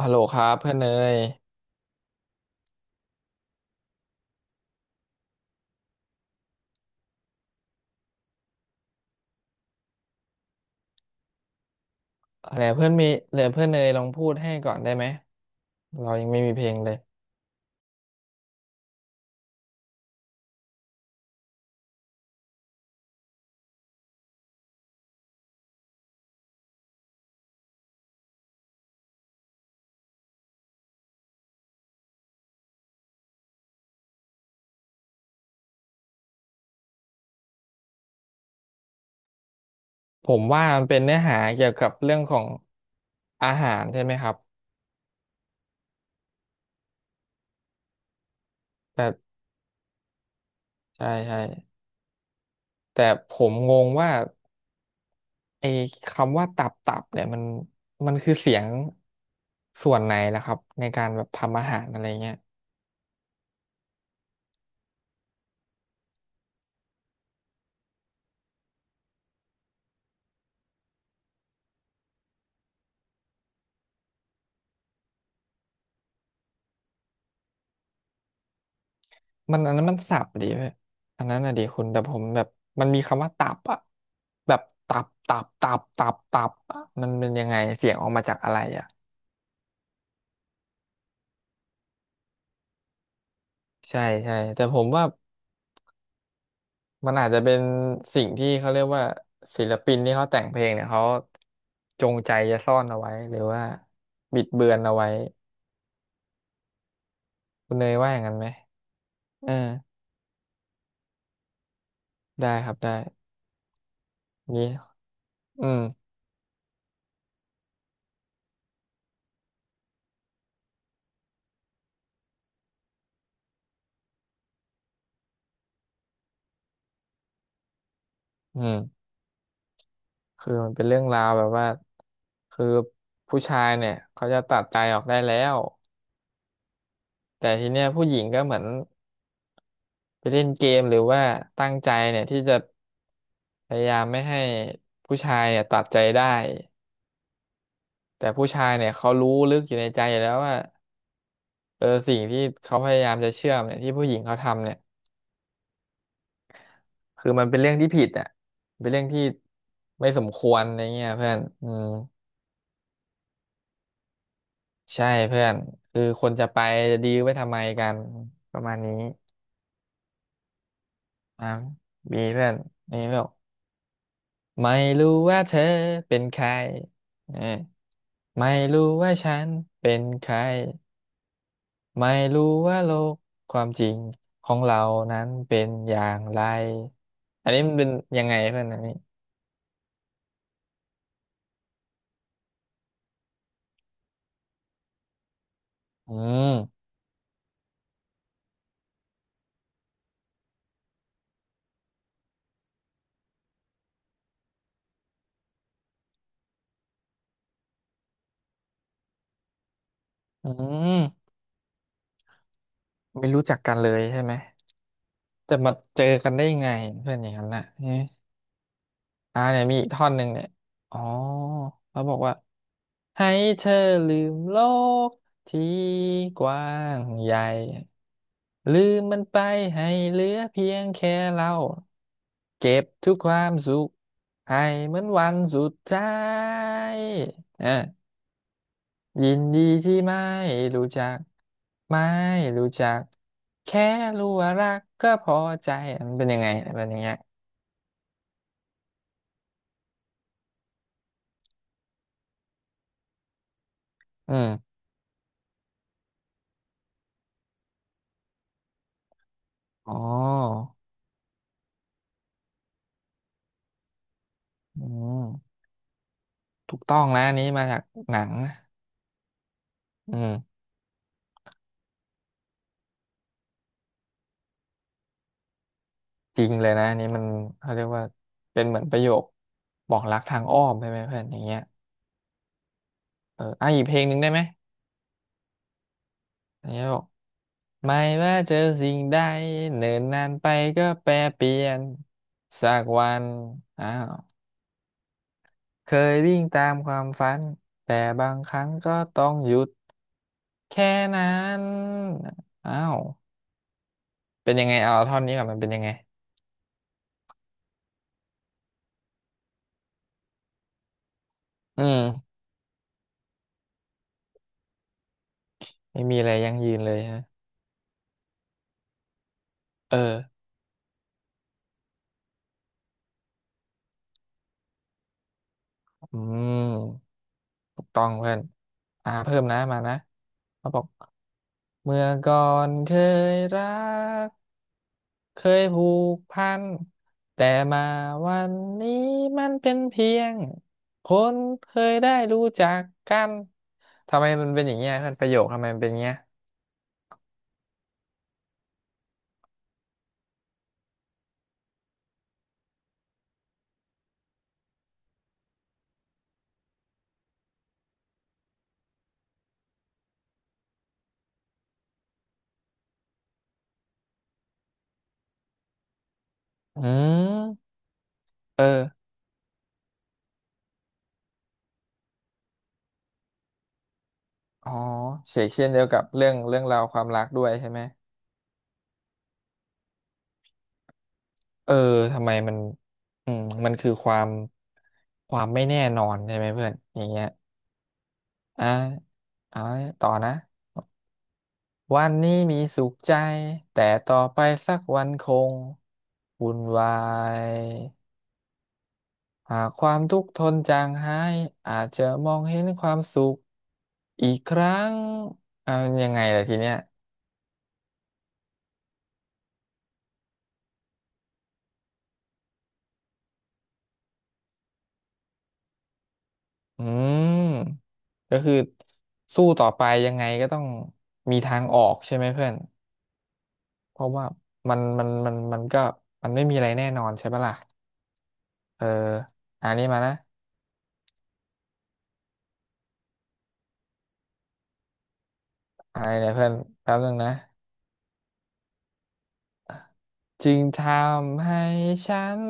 ฮัลโหลครับเพื่อนเนยอะไรเพื่อนมีเหลือเพื่อนเนยลองพูดให้ก่อนได้ไหมเรายังไม่มีเพลงเลยผมว่ามันเป็นเนื้อหาเกี่ยวกับเรื่องของอาหารใช่ไหมครับแต่ใช่ใช่แต่ผมงงว่าไอ้คำว่าตับตับเนี่ยมันมันคือเสียงส่วนไหนล่ะครับในการแบบทำอาหารอะไรเงี้ย มันอันนั้นมันสับดีเว้ยอันนั้นน่ะดีคุณแต่ผมแบบมันมีคำว่าตับอะแบบตับตับตับตับตับอะมันเป็นยังไงเสียงออกมาจากอะไรอะใช่ใช่แต่ผมว่ามันอาจจะเป็นสิ่งที่เขาเรียกว่าศิลปินที่เขาแต่งเพลงเนี่ยเขาจงใจจะซ่อนเอาไว้หรือว่าบิดเบือนเอาไว้คุณเนยว่าอย่างนั้นไหมเออได้ครับได้นี่อืมอืม คือมันเป็นเรื่องราวแบบว่าคือผู้ชายเนี่ยเขาจะตัดใจออกได้แล้วแต่ทีเนี้ยผู้หญิงก็เหมือนไปเล่นเกมหรือว่าตั้งใจเนี่ยที่จะพยายามไม่ให้ผู้ชายเนี่ยตัดใจได้แต่ผู้ชายเนี่ยเขารู้ลึกอยู่ในใจอยู่แล้วว่าเออสิ่งที่เขาพยายามจะเชื่อมเนี่ยที่ผู้หญิงเขาทำเนี่ยคือมันเป็นเรื่องที่ผิดอ่ะเป็นเรื่องที่ไม่สมควรอะไรเงี้ยเพื่อนอืมใช่เพื่อนคือคนจะไปจะดีลไว้ทำไมกันประมาณนี้ อ่ามีเพื่อนนี่แบอกไม่รู้ว่าเธอเป็นใครเออไม่รู้ว่าฉันเป็นใครไม่รู้ว่าโลกความจริงของเรานั้นเป็นอย่างไรอันนี้มันเป็นยังไงเพื่อนอันนี้อืมอืมไม่รู้จักกันเลยใช่ไหมแต่มาเจอกันได้ยังไงเพื่อนอย่างนั้นน่ะ อ่าเนี่ยมีอีกท่อนหนึ่งเนี่ยอ๋อเขาบอกว่าให้เธอลืมโลกที่กว้างใหญ่ลืมมันไปให้เหลือเพียงแค่เราเก็บทุกความสุขให้เหมือนวันสุดท้ายอ่ะยินดีที่ไม่รู้จักไม่รู้จักแค่รู้ว่ารักก็พอใจมันเป็นยังไงมันเป็นอย่างเงี้ยอืมอ๋ออืม ถูกต้องนะอันนี้มาจากหนังนะอืมจริงเลยนะอันนี้มันเขาเรียกว่าเป็นเหมือนประโยคบอกรักทางอ้อมใช่ไหมเพื่อนอย่างเงี้ยเอออ่ะอีกเพลงหนึ่งได้ไหมอย่ี้บอกไม่ว่าเจอสิ่งใดเนิ่นนานไปก็แปรเปลี่ยนสักวันอ้าวเคยวิ่งตามความฝันแต่บางครั้งก็ต้องหยุดแค่นั้นอ้าวเป็นยังไงเอาท่อนนี้ก่อนมันเป็นยังไงอืมไม่มีอะไรยั่งยืนเลยฮะเออ อืมถูกต้องเพื่อนอ่าเพิ่มนะมานะเขาบอกเมื่อก่อนเคยรักเคยผูกพันแต่มาวันนี้มันเป็นเพียงคนเคยได้รู้จักกันทำไมมันเป็นอย่างเงี้ยเพื่อนประโยคทำไมมันเป็นอย่างเงี้ยอืมเอออ๋อเฉกเช่นเดียวกับเรื่องเรื่องราวความรักด้วยใช่ไหมเออทำไมมันอืมมันคือความความไม่แน่นอนใช่ไหมเพื่อนอย่างเงี้ย อ่าเอาให้ต่อนะวันนี้มีสุขใจ แต่ต่อไปสักวันคงวุ่นวายหากความทุกข์ทนจางหาย อาจจะมองเห็นความสุขอีกครั้งเอายังไงล่ะทีเนี้ยอืมก็คือสู้ต่อไปยังไงก็ต้องมีทางออกใช่ไหมเพื่อน เพราะว่ามันก็มันไม่มีอะไรแน่นอนใช่ปะล่ะเอออันนี้มานะ อะไรเนี่ยเพื่อนแป๊บนึงนะ จึงทำให้ฉัน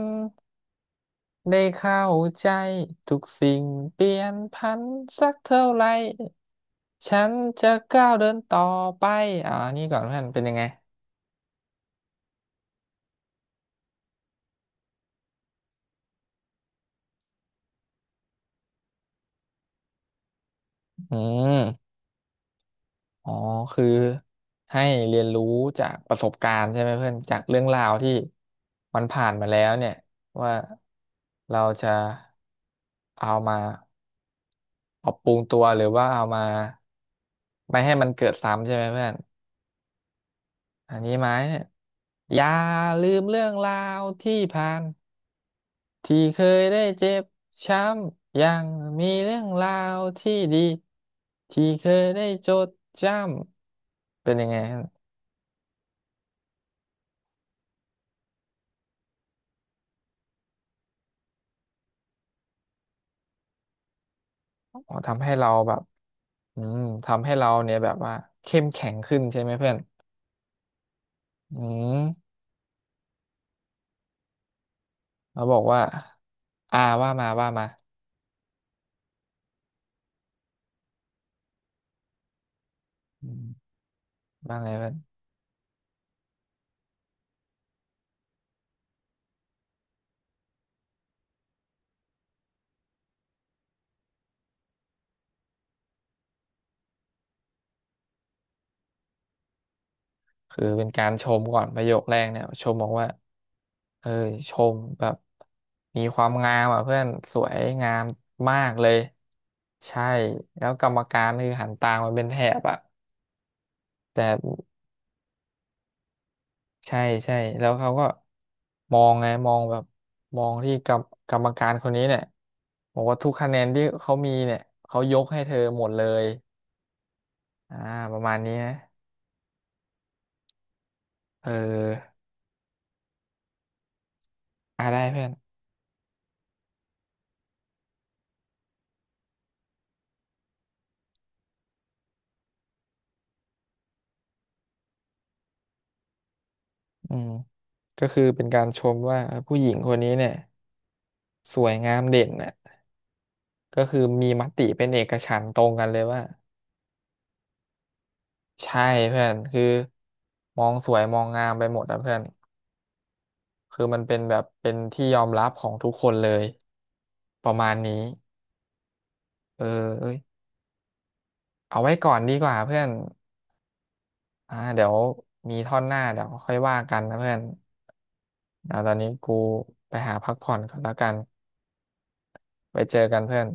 ได้เข้าใจทุกสิ่งเปลี่ยนผันสักเท่าไหร่ฉันจะก้าวเดินต่อไปอ่านี่ก่อนเพื่อนเป็นยังไงอืมอ๋อคือให้เรียนรู้จากประสบการณ์ใช่ไหมเพื่อนจากเรื่องราวที่มันผ่านมาแล้วเนี่ยว่าเราจะเอามาปรับปรุงตัวหรือว่าเอามาไม่ให้มันเกิดซ้ำใช่ไหมเพื่อน อันนี้ไหมเนี่ยอย่าลืมเรื่องราวที่ผ่านที่เคยได้เจ็บช้ำยังมีเรื่องราวที่ดีที่เคยได้จดจำเป็นยังไงฮะอ๋อทำให้เราแบบอืมทำให้เราเนี่ยแบบว่าเข้มแข็งขึ้นใช่ไหมเพื่อนอืมเขาบอกว่าอ่าว่ามาว่ามาอืมว่าไงเพื่อน คือเป็นการชมก่อนประโยคแรกเนี่ยชมบอกว่าเออชมแบบมีความงามอ่ะเพื่อนสวยงามมากเลยใช่แล้วกรรมการคือหันตามมาเป็นแถบอ่ะแต่ใช่ใช่แล้วเขาก็มองไงมองแบบมองที่กรรมการคนนี้เนี่ยบอกว่าทุกคะแนนที่เขามีเนี่ยเขายกให้เธอหมดเลยอ่าประมาณนี้นะเอออ่าได้เพื่อน อืมก็คือเป็นการชมว่าเออผู้หญิงคนนี้เนี่ยสวยงามเด่นน่ะก็คือมีมติเป็นเอกฉันท์ตรงกันเลยว่าใช่เพื่อนคือมองสวยมองงามไปหมดอะเพื่อนคือมันเป็นแบบเป็นที่ยอมรับของทุกคนเลยประมาณนี้เออเอ้ยเอาไว้ก่อนดีกว่าเพื่อนอ่าเดี๋ยวมีท่อนหน้าเดี๋ยวค่อยว่ากันนะเพื่อนเดี๋ยวตอนนี้กูไปหาพักผ่อนก่อนแล้วกันไปเจอกันเพื่อน